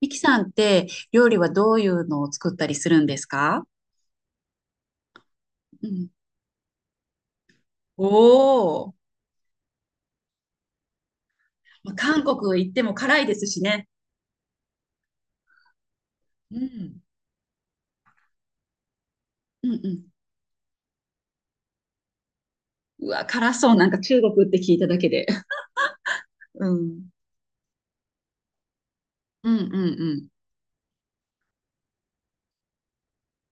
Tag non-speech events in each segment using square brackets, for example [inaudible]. ミキさんって料理はどういうのを作ったりするんですか？うん。おお、まあ、韓国行っても辛いですしね。うん。うんうん。うわ、辛そう。なんか中国って聞いただけで。[laughs] うん。うんうんうん。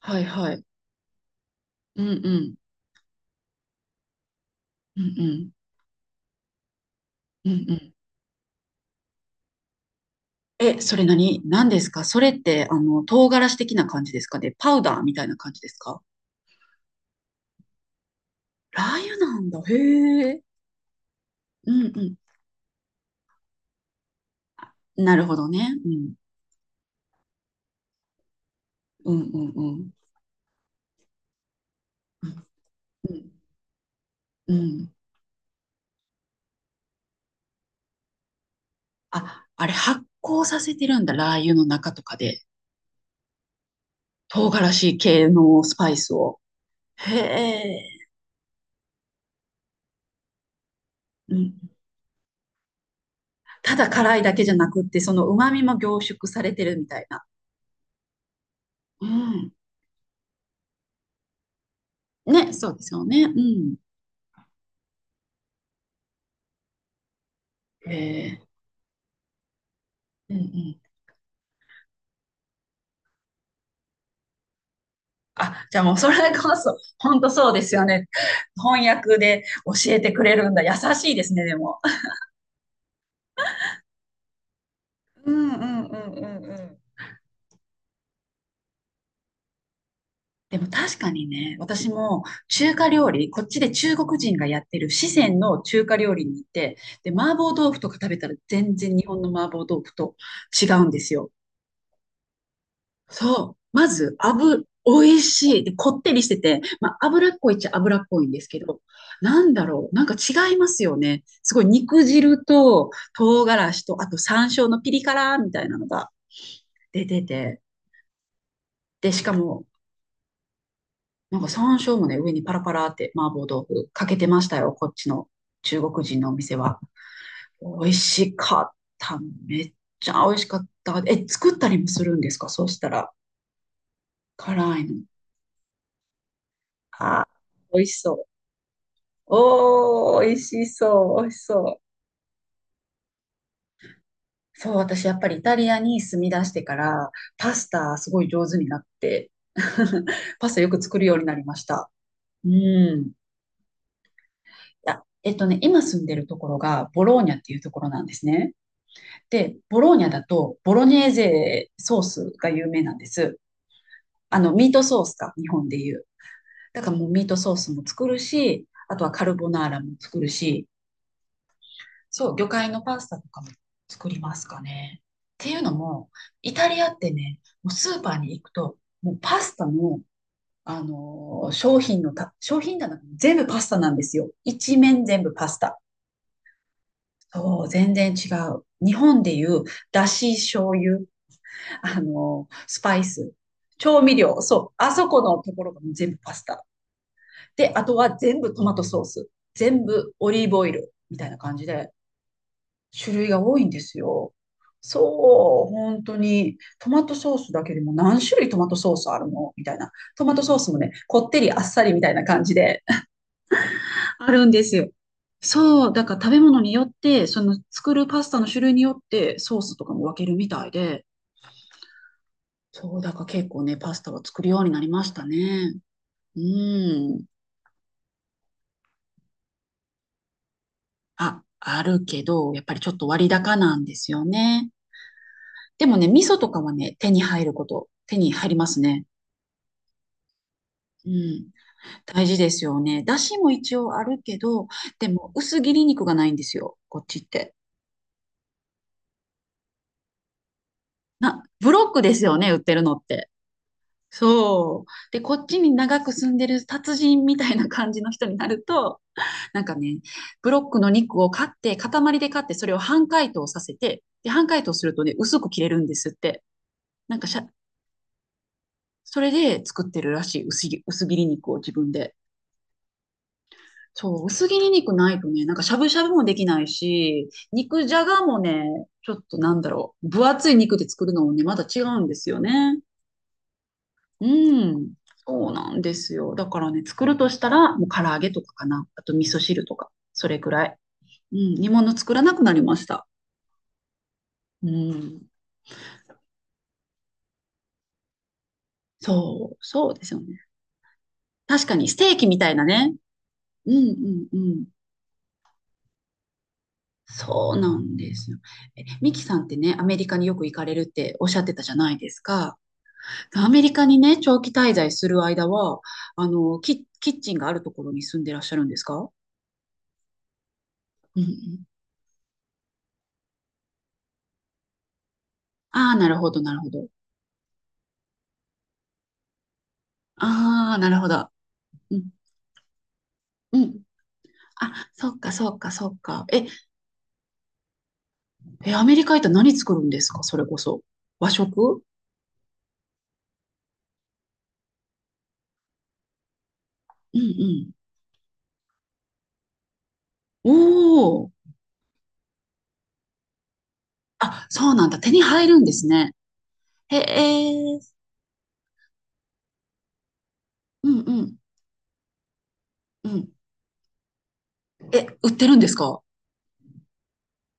はいはい。うんうんうんうんうんうん。え、それ何何ですか？それって、唐辛子的な感じですかね？パウダーみたいな感じですか？ラー油なんだ。へえ。うんうん。うん。なるほどね。うん。うんうんうん。うん。うん。あ、あれ発酵させてるんだ。ラー油の中とかで。唐辛子系のスパイスを。へえ。うん。ただ辛いだけじゃなくって、その旨味も凝縮されてるみたいな。うん。ね、そうですよね。うん。へえ。うんうん。あ、じゃあもうそれこそ、本当そうですよね。翻訳で教えてくれるんだ。優しいですね、でも。うんうんうんうんうん。でも確かにね、私も中華料理、こっちで中国人がやってる四川の中華料理に行って、で、麻婆豆腐とか食べたら全然日本の麻婆豆腐と違うんですよ。そう。まず、油、美味しい。で、こってりしてて、まあ、脂っこいっちゃ脂っこいんですけど、なんだろう。なんか違いますよね。すごい肉汁と唐辛子と、あと山椒のピリ辛みたいなのが出てて、で、しかもなんか山椒もね、上にパラパラって麻婆豆腐かけてましたよ、こっちの中国人のお店は。美味しかった。めっちゃ美味しかった。え、作ったりもするんですかそうしたら、辛いの。あー、美味しそう。おー、美味しそう、美味しそう。そう、私やっぱりイタリアに住み出してから、パスタすごい上手になって、[laughs] パスタよく作るようになりました。うん。いや、今住んでるところがボローニャっていうところなんですね。で、ボローニャだと、ボロネーゼソースが有名なんです。ミートソースか、日本でいう。だからもうミートソースも作るし、あとはカルボナーラも作るし、そう、魚介のパスタとかも作りますかね。っていうのも、イタリアってね、もうスーパーに行くと、もうパスタの、商品棚、全部パスタなんですよ。一面全部パスタ。そう、全然違う。日本でいう、だし醤油、スパイス、調味料、そう、あそこのところが全部パスタ。で、あとは全部トマトソース、全部オリーブオイルみたいな感じで、種類が多いんですよ。そう、本当に、トマトソースだけでも何種類トマトソースあるのみたいな。トマトソースもね、こってりあっさりみたいな感じで [laughs] あるんですよ。そう、だから食べ物によって、その作るパスタの種類によってソースとかも分けるみたいで、そう、だから結構ね、パスタは作るようになりましたね。うん。あ、あるけど、やっぱりちょっと割高なんですよね。でもね、味噌とかはね、手に入りますね。うん。大事ですよね。だしも一応あるけど、でも薄切り肉がないんですよ、こっちって。な、ブロックですよね、売ってるのって。そう。で、こっちに長く住んでる達人みたいな感じの人になると、なんかね、ブロックの肉を買って、塊で買って、それを半解凍させて、で、半解凍するとね、薄く切れるんですって。なんかしゃ、それで作ってるらしい、薄切り肉を自分で。そう、薄切り肉ないとね、なんかしゃぶしゃぶもできないし、肉じゃがもね、ちょっとなんだろう、分厚い肉で作るのもね、また違うんですよね。うん、そうなんですよ。だからね、作るとしたら、もう唐揚げとかかな。あと味噌汁とか、それくらい。うん、煮物作らなくなりました。うん。そう、そうですよね。確かに、ステーキみたいなね。うんうんうん。そうなんですよ。え、ミキさんってね、アメリカによく行かれるっておっしゃってたじゃないですか。アメリカにね、長期滞在する間は、キッチンがあるところに住んでらっしゃるんですか？うんうん。ああ、なるほど、なるほど。ああ、なるほど。うん、うん。あ、そっか、そっか、そっか。え、え、アメリカ行ったら何作るんですかそれこそ。和食。うんうん。お。あ、そうなんだ。手に入るんですね。へえ。うんうんうん。え、売ってるんですか？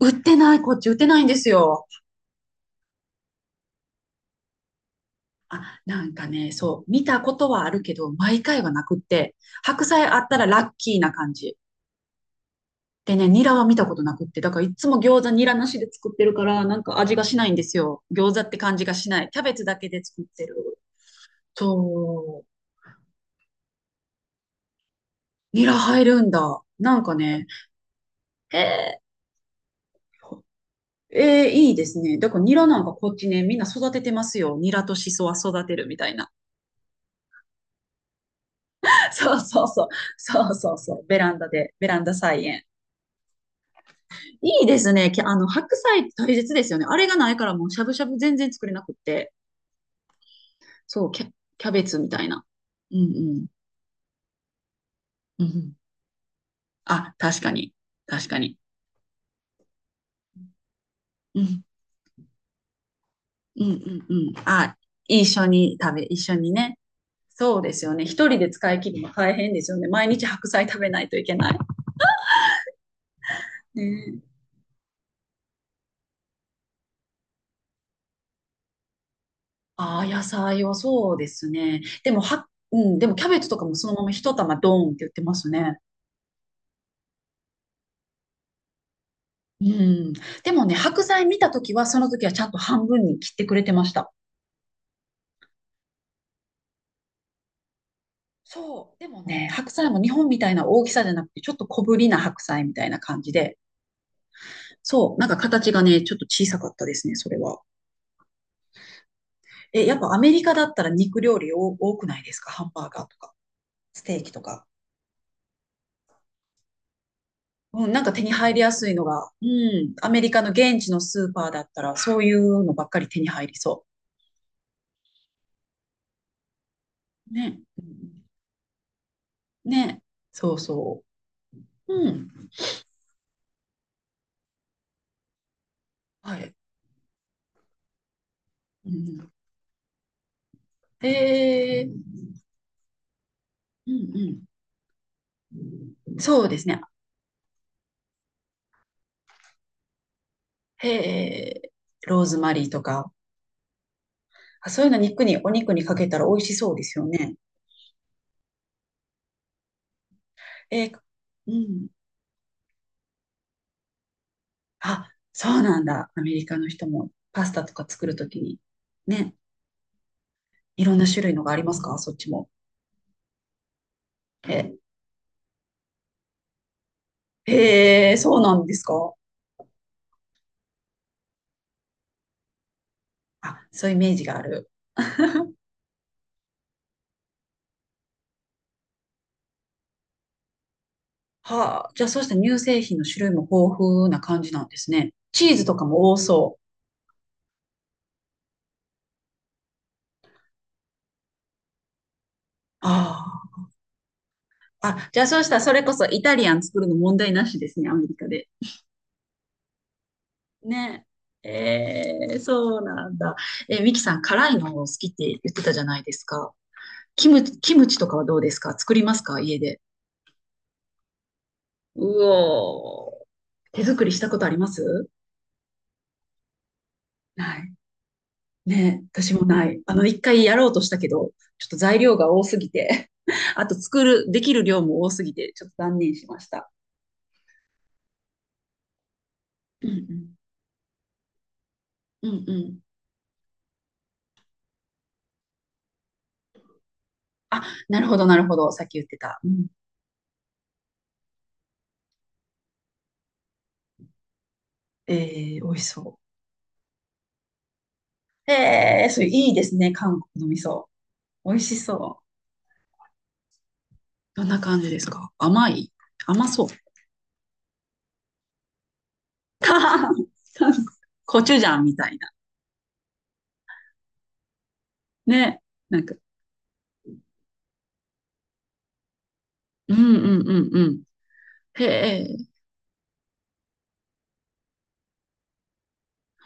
売ってない、こっち売ってないんですよ。あ、なんかね、そう、見たことはあるけど、毎回はなくって、白菜あったらラッキーな感じ。でね、ニラは見たことなくって、だからいつも餃子ニラなしで作ってるから、なんか味がしないんですよ。餃子って感じがしない。キャベツだけで作ってる。そう、ニラ入るんだ。なんかね、へえ。ええ、いいですね。だからニラなんかこっちね、みんな育ててますよ。ニラとシソは育てるみたいな。[laughs] そうそうそう。そうそうそう。ベランダで、ベランダ菜園。いいですね。き、白菜って大切ですよね。あれがないからもうしゃぶしゃぶ全然作れなくって。そう、キャベツみたいな。うんうん。うん。あ、確かに。確かに。うん。うんうんうん。あ、一緒にね。そうですよね。一人で使い切るの大変ですよね。毎日白菜食べないといけない。ね。ああ、野菜はそうですね。でも、は、うん、でもキャベツとかもそのまま一玉ドーンって売ってますね。うん。でもね、白菜見たときは、その時はちゃんと半分に切ってくれてました。そう。でもね、白菜も日本みたいな大きさじゃなくて、ちょっと小ぶりな白菜みたいな感じで、そう、なんか形がね、ちょっと小さかったですね、それは。え、やっぱアメリカだったら肉料理多くないですか？ハンバーガーとか、ステーキとか。うん、なんか手に入りやすいのが、うん、アメリカの現地のスーパーだったら、そういうのばっかり手に入りそう。ね。うん。ね。そうそう。うん。はい。うん、へえ。うんうん。そうですね。へえ。ローズマリーとか、あ、そういうのお肉にかけたら美味しそうですよね。えー、うん。あ、そうなんだ。アメリカの人もパスタとか作るときに。ね。いろんな種類のがありますかそっちも。え。へえ、そうなんですか。あ、そういうイメージがある。はあ、じゃあそうした乳製品の種類も豊富な感じなんですね。チーズとかも多そう。ああ。あ、じゃあそうしたらそれこそイタリアン作るの問題なしですね、アメリカで。ね。えー、そうなんだ。え、ミキさん、辛いの好きって言ってたじゃないですか。キムチとかはどうですか？作りますか家で。うおー。手作りしたことあります？ない。ね、私もない。あの、一回やろうとしたけど、ちょっと材料が多すぎて [laughs] あとできる量も多すぎて、ちょっと断念しました。うんうん。うんうん。あ、なるほど、なるほど。さっき言ってた。うん。えー、美味しそう。えー、それいいですね。韓国の味噌。美味しそう。どんな感じですか？甘い？甘そう。[laughs] 韓国コチュジャンみたいな。ね。なんか、うんうんうんうん。へ。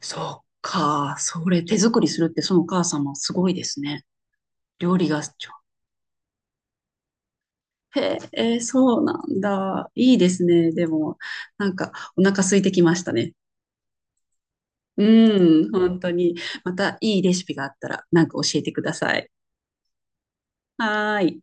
そっか。それ手作りするってそのお母様すごいですね。料理がちょへえ、そうなんだ。いいですね。でも、なんかお腹空いてきましたね。うん、本当に。またいいレシピがあったらなんか教えてください。はーい。